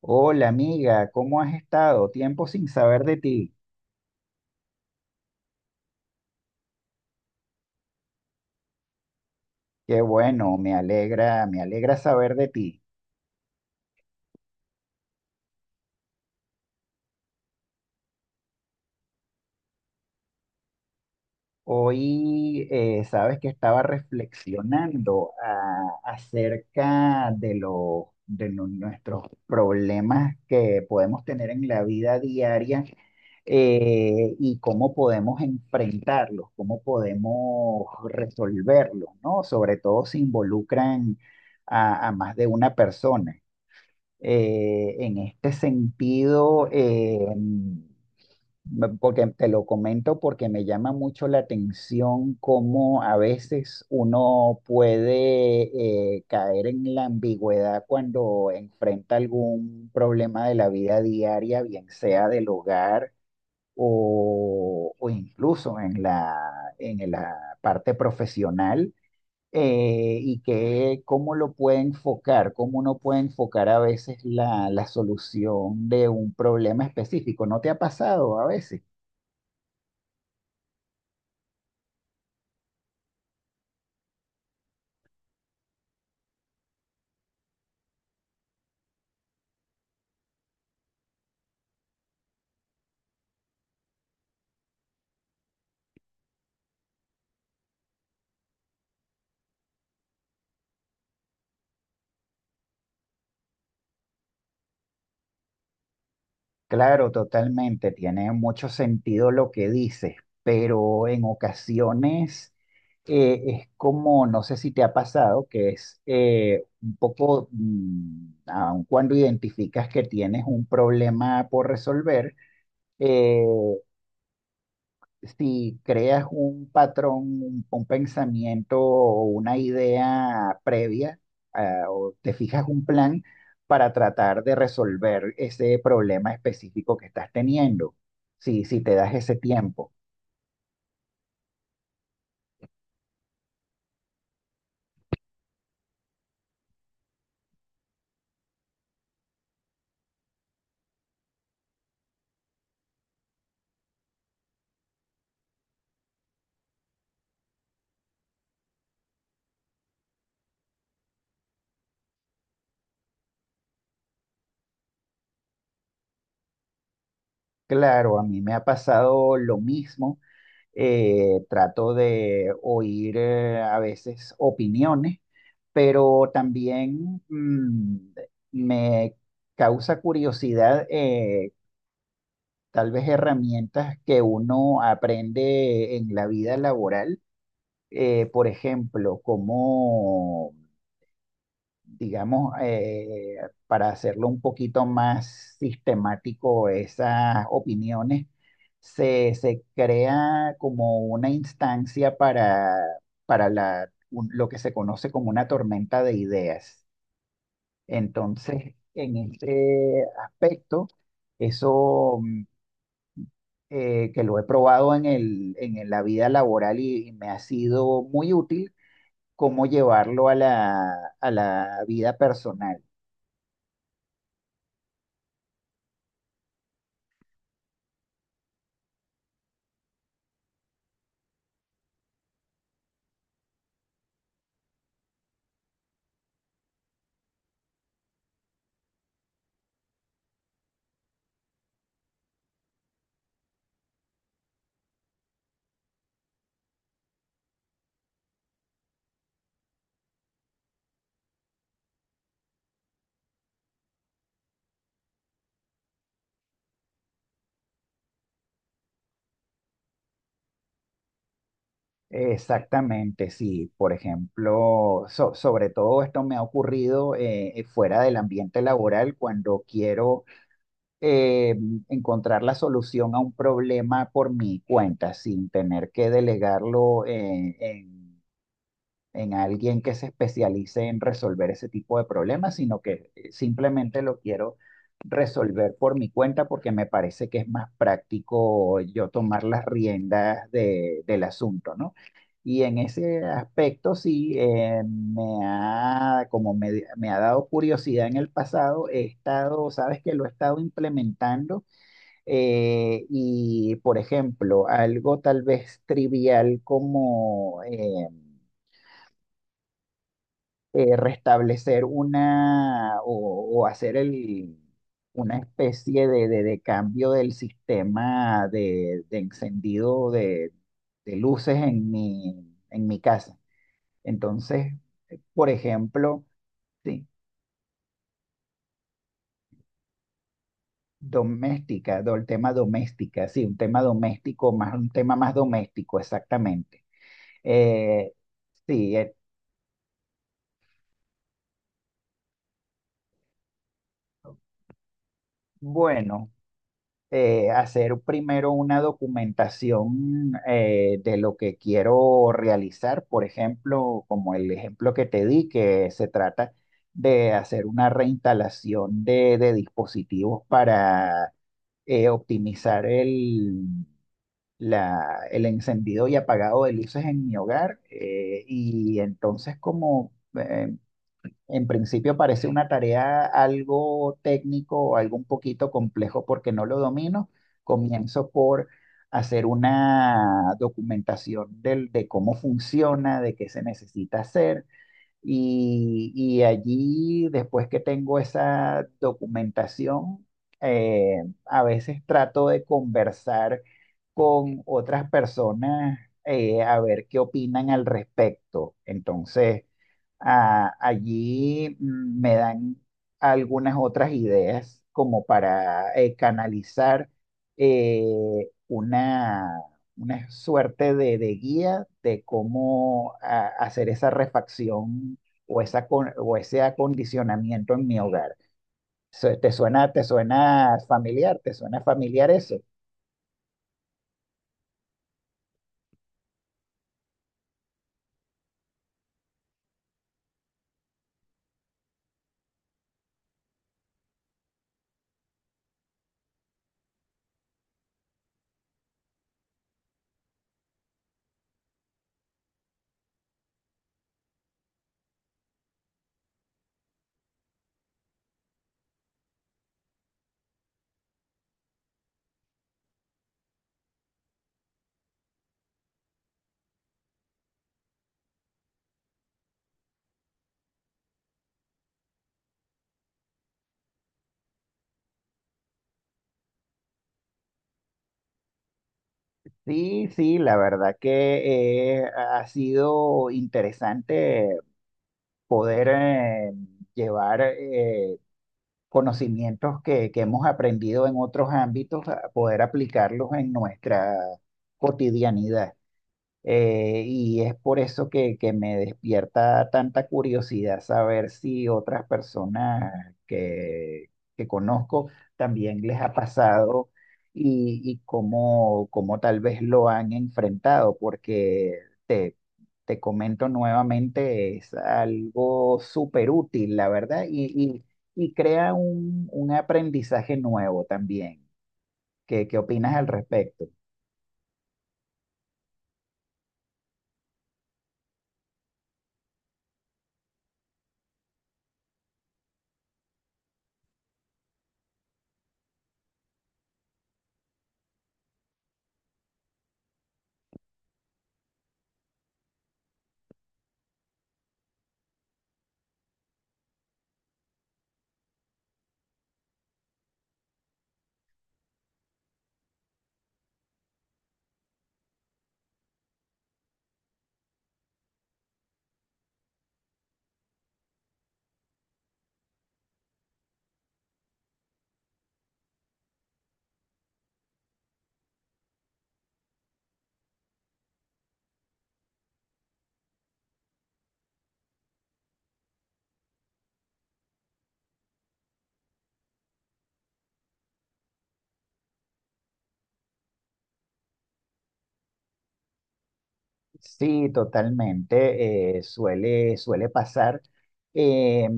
Hola amiga, ¿cómo has estado? Tiempo sin saber de ti. Qué bueno, me alegra saber de ti. Hoy sabes que estaba reflexionando acerca de nuestros problemas que podemos tener en la vida diaria y cómo podemos enfrentarlos, cómo podemos resolverlos, ¿no? Sobre todo si involucran a más de una persona. En este sentido, porque te lo comento porque me llama mucho la atención cómo a veces uno puede caer en la ambigüedad cuando enfrenta algún problema de la vida diaria, bien sea del hogar o incluso en la parte profesional y que cómo lo puede enfocar, cómo uno puede enfocar a veces la solución de un problema específico. ¿No te ha pasado a veces? Claro, totalmente, tiene mucho sentido lo que dices, pero en ocasiones es como, no sé si te ha pasado, que es un poco, aun cuando identificas que tienes un problema por resolver, eh, si creas un patrón, un pensamiento o una idea previa, o te fijas un plan para tratar de resolver ese problema específico que estás teniendo, si te das ese tiempo. Claro, a mí me ha pasado lo mismo. Trato de oír a veces opiniones, pero también me causa curiosidad tal vez herramientas que uno aprende en la vida laboral, por ejemplo, digamos, para hacerlo un poquito más sistemático, esas opiniones, se crea como una instancia para, lo que se conoce como una tormenta de ideas. Entonces, en este aspecto, eso que lo he probado en la vida laboral y me ha sido muy útil, cómo llevarlo a a la vida personal. Exactamente, sí. Por ejemplo, sobre todo esto me ha ocurrido fuera del ambiente laboral cuando quiero eh, encontrar la solución a un problema por mi cuenta sin tener que delegarlo en alguien que se especialice en resolver ese tipo de problemas, sino que simplemente lo quiero resolver por mi cuenta porque me parece que es más práctico yo tomar las riendas del asunto, ¿no? Y en ese aspecto sí, me ha dado curiosidad en el pasado, he estado, sabes que lo he estado implementando y, por ejemplo, algo tal vez trivial como... restablecer una o hacer una especie de cambio del sistema de encendido de luces en mi casa. Entonces, por ejemplo, sí, el tema doméstica, sí, un tema doméstico, más un tema más doméstico, exactamente. Eh, sí, bueno. Hacer primero una documentación de lo que quiero realizar, por ejemplo, como el ejemplo que te di, que se trata de hacer una reinstalación de dispositivos para optimizar el encendido y apagado de luces en mi hogar. Y entonces como... en principio parece una tarea algo técnico o algo un poquito complejo porque no lo domino. Comienzo por hacer una documentación de cómo funciona, de qué se necesita hacer. Y allí, después que tengo esa documentación, a veces trato de conversar con otras personas a ver qué opinan al respecto. Entonces ah, allí me dan algunas otras ideas como para canalizar eh, una, una suerte de guía de cómo hacer esa refacción o ese acondicionamiento en mi hogar. Te suena familiar? ¿Te suena familiar eso? Sí, sí, la verdad que ha sido interesante poder llevar conocimientos que hemos aprendido en otros ámbitos, a poder aplicarlos en nuestra cotidianidad. Y es por eso que me despierta tanta curiosidad saber si otras personas que conozco también les ha pasado y cómo, cómo tal vez lo han enfrentado, porque te, te comento nuevamente, es algo súper útil, la verdad, y crea un aprendizaje nuevo también. ¿Qué, qué opinas al respecto? Sí, totalmente. Suele pasar. Eh,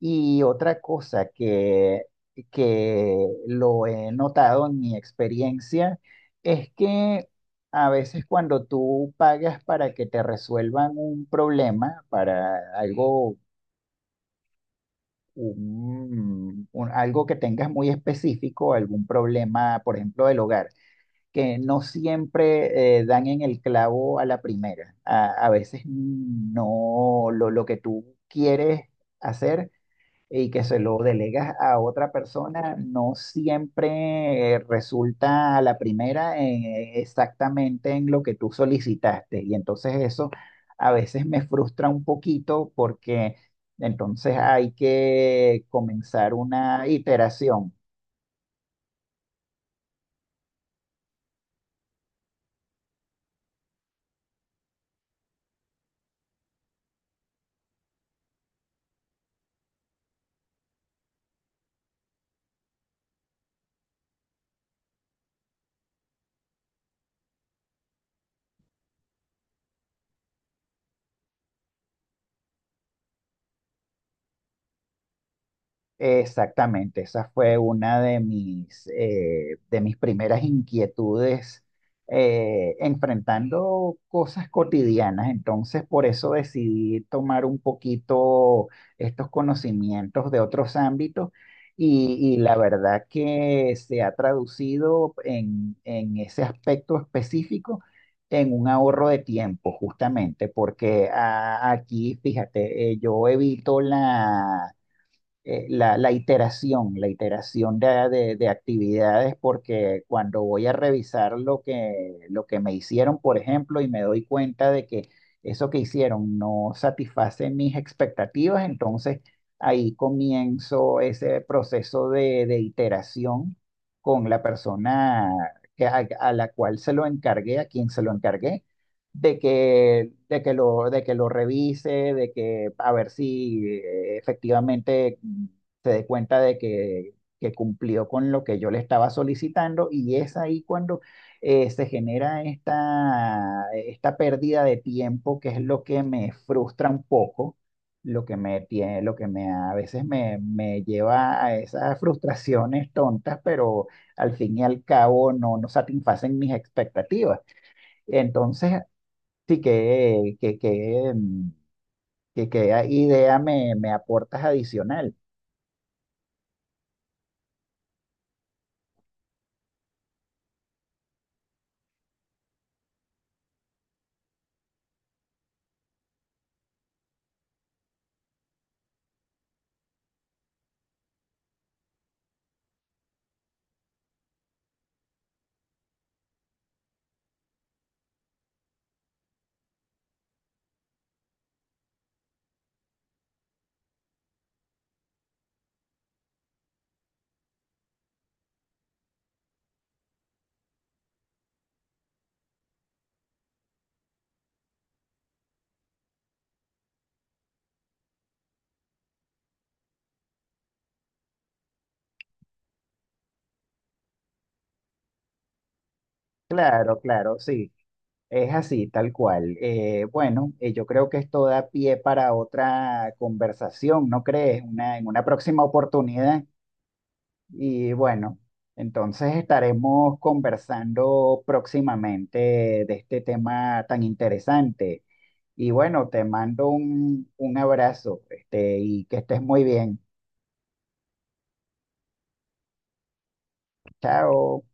y otra cosa que lo he notado en mi experiencia es que a veces cuando tú pagas para que te resuelvan un problema, para algo, algo que tengas muy específico, algún problema, por ejemplo, del hogar que no siempre dan en el clavo a la primera. A veces no lo, lo que tú quieres hacer y que se lo delegas a otra persona, no siempre resulta a la primera exactamente en lo que tú solicitaste. Y entonces eso a veces me frustra un poquito porque entonces hay que comenzar una iteración. Exactamente, esa fue una de mis primeras inquietudes enfrentando cosas cotidianas. Entonces, por eso decidí tomar un poquito estos conocimientos de otros ámbitos y la verdad que se ha traducido en ese aspecto específico en un ahorro de tiempo, justamente, porque aquí, fíjate, yo evito la iteración de actividades, porque cuando voy a revisar lo que me hicieron, por ejemplo, y me doy cuenta de que eso que hicieron no satisface mis expectativas, entonces ahí comienzo ese proceso de iteración con la persona a la cual se lo encargué, a quien se lo encargué, de que lo revise, de que a ver si efectivamente se dé cuenta que cumplió con lo que yo le estaba solicitando y es ahí cuando esta pérdida de tiempo que es lo que me frustra un poco. Lo que me tiene, lo que me a veces me, me lleva a esas frustraciones tontas, pero al fin y al cabo no, no satisfacen mis expectativas. Entonces, sí, que, mm, que a- idea me aportas adicional. Claro, claro, sí, es así, tal cual. Bueno, yo creo que esto da pie para otra conversación, ¿no crees? En una próxima oportunidad. Y bueno, entonces estaremos conversando próximamente de este tema tan interesante. Y bueno, te mando un abrazo, este, y que estés muy bien. Chao.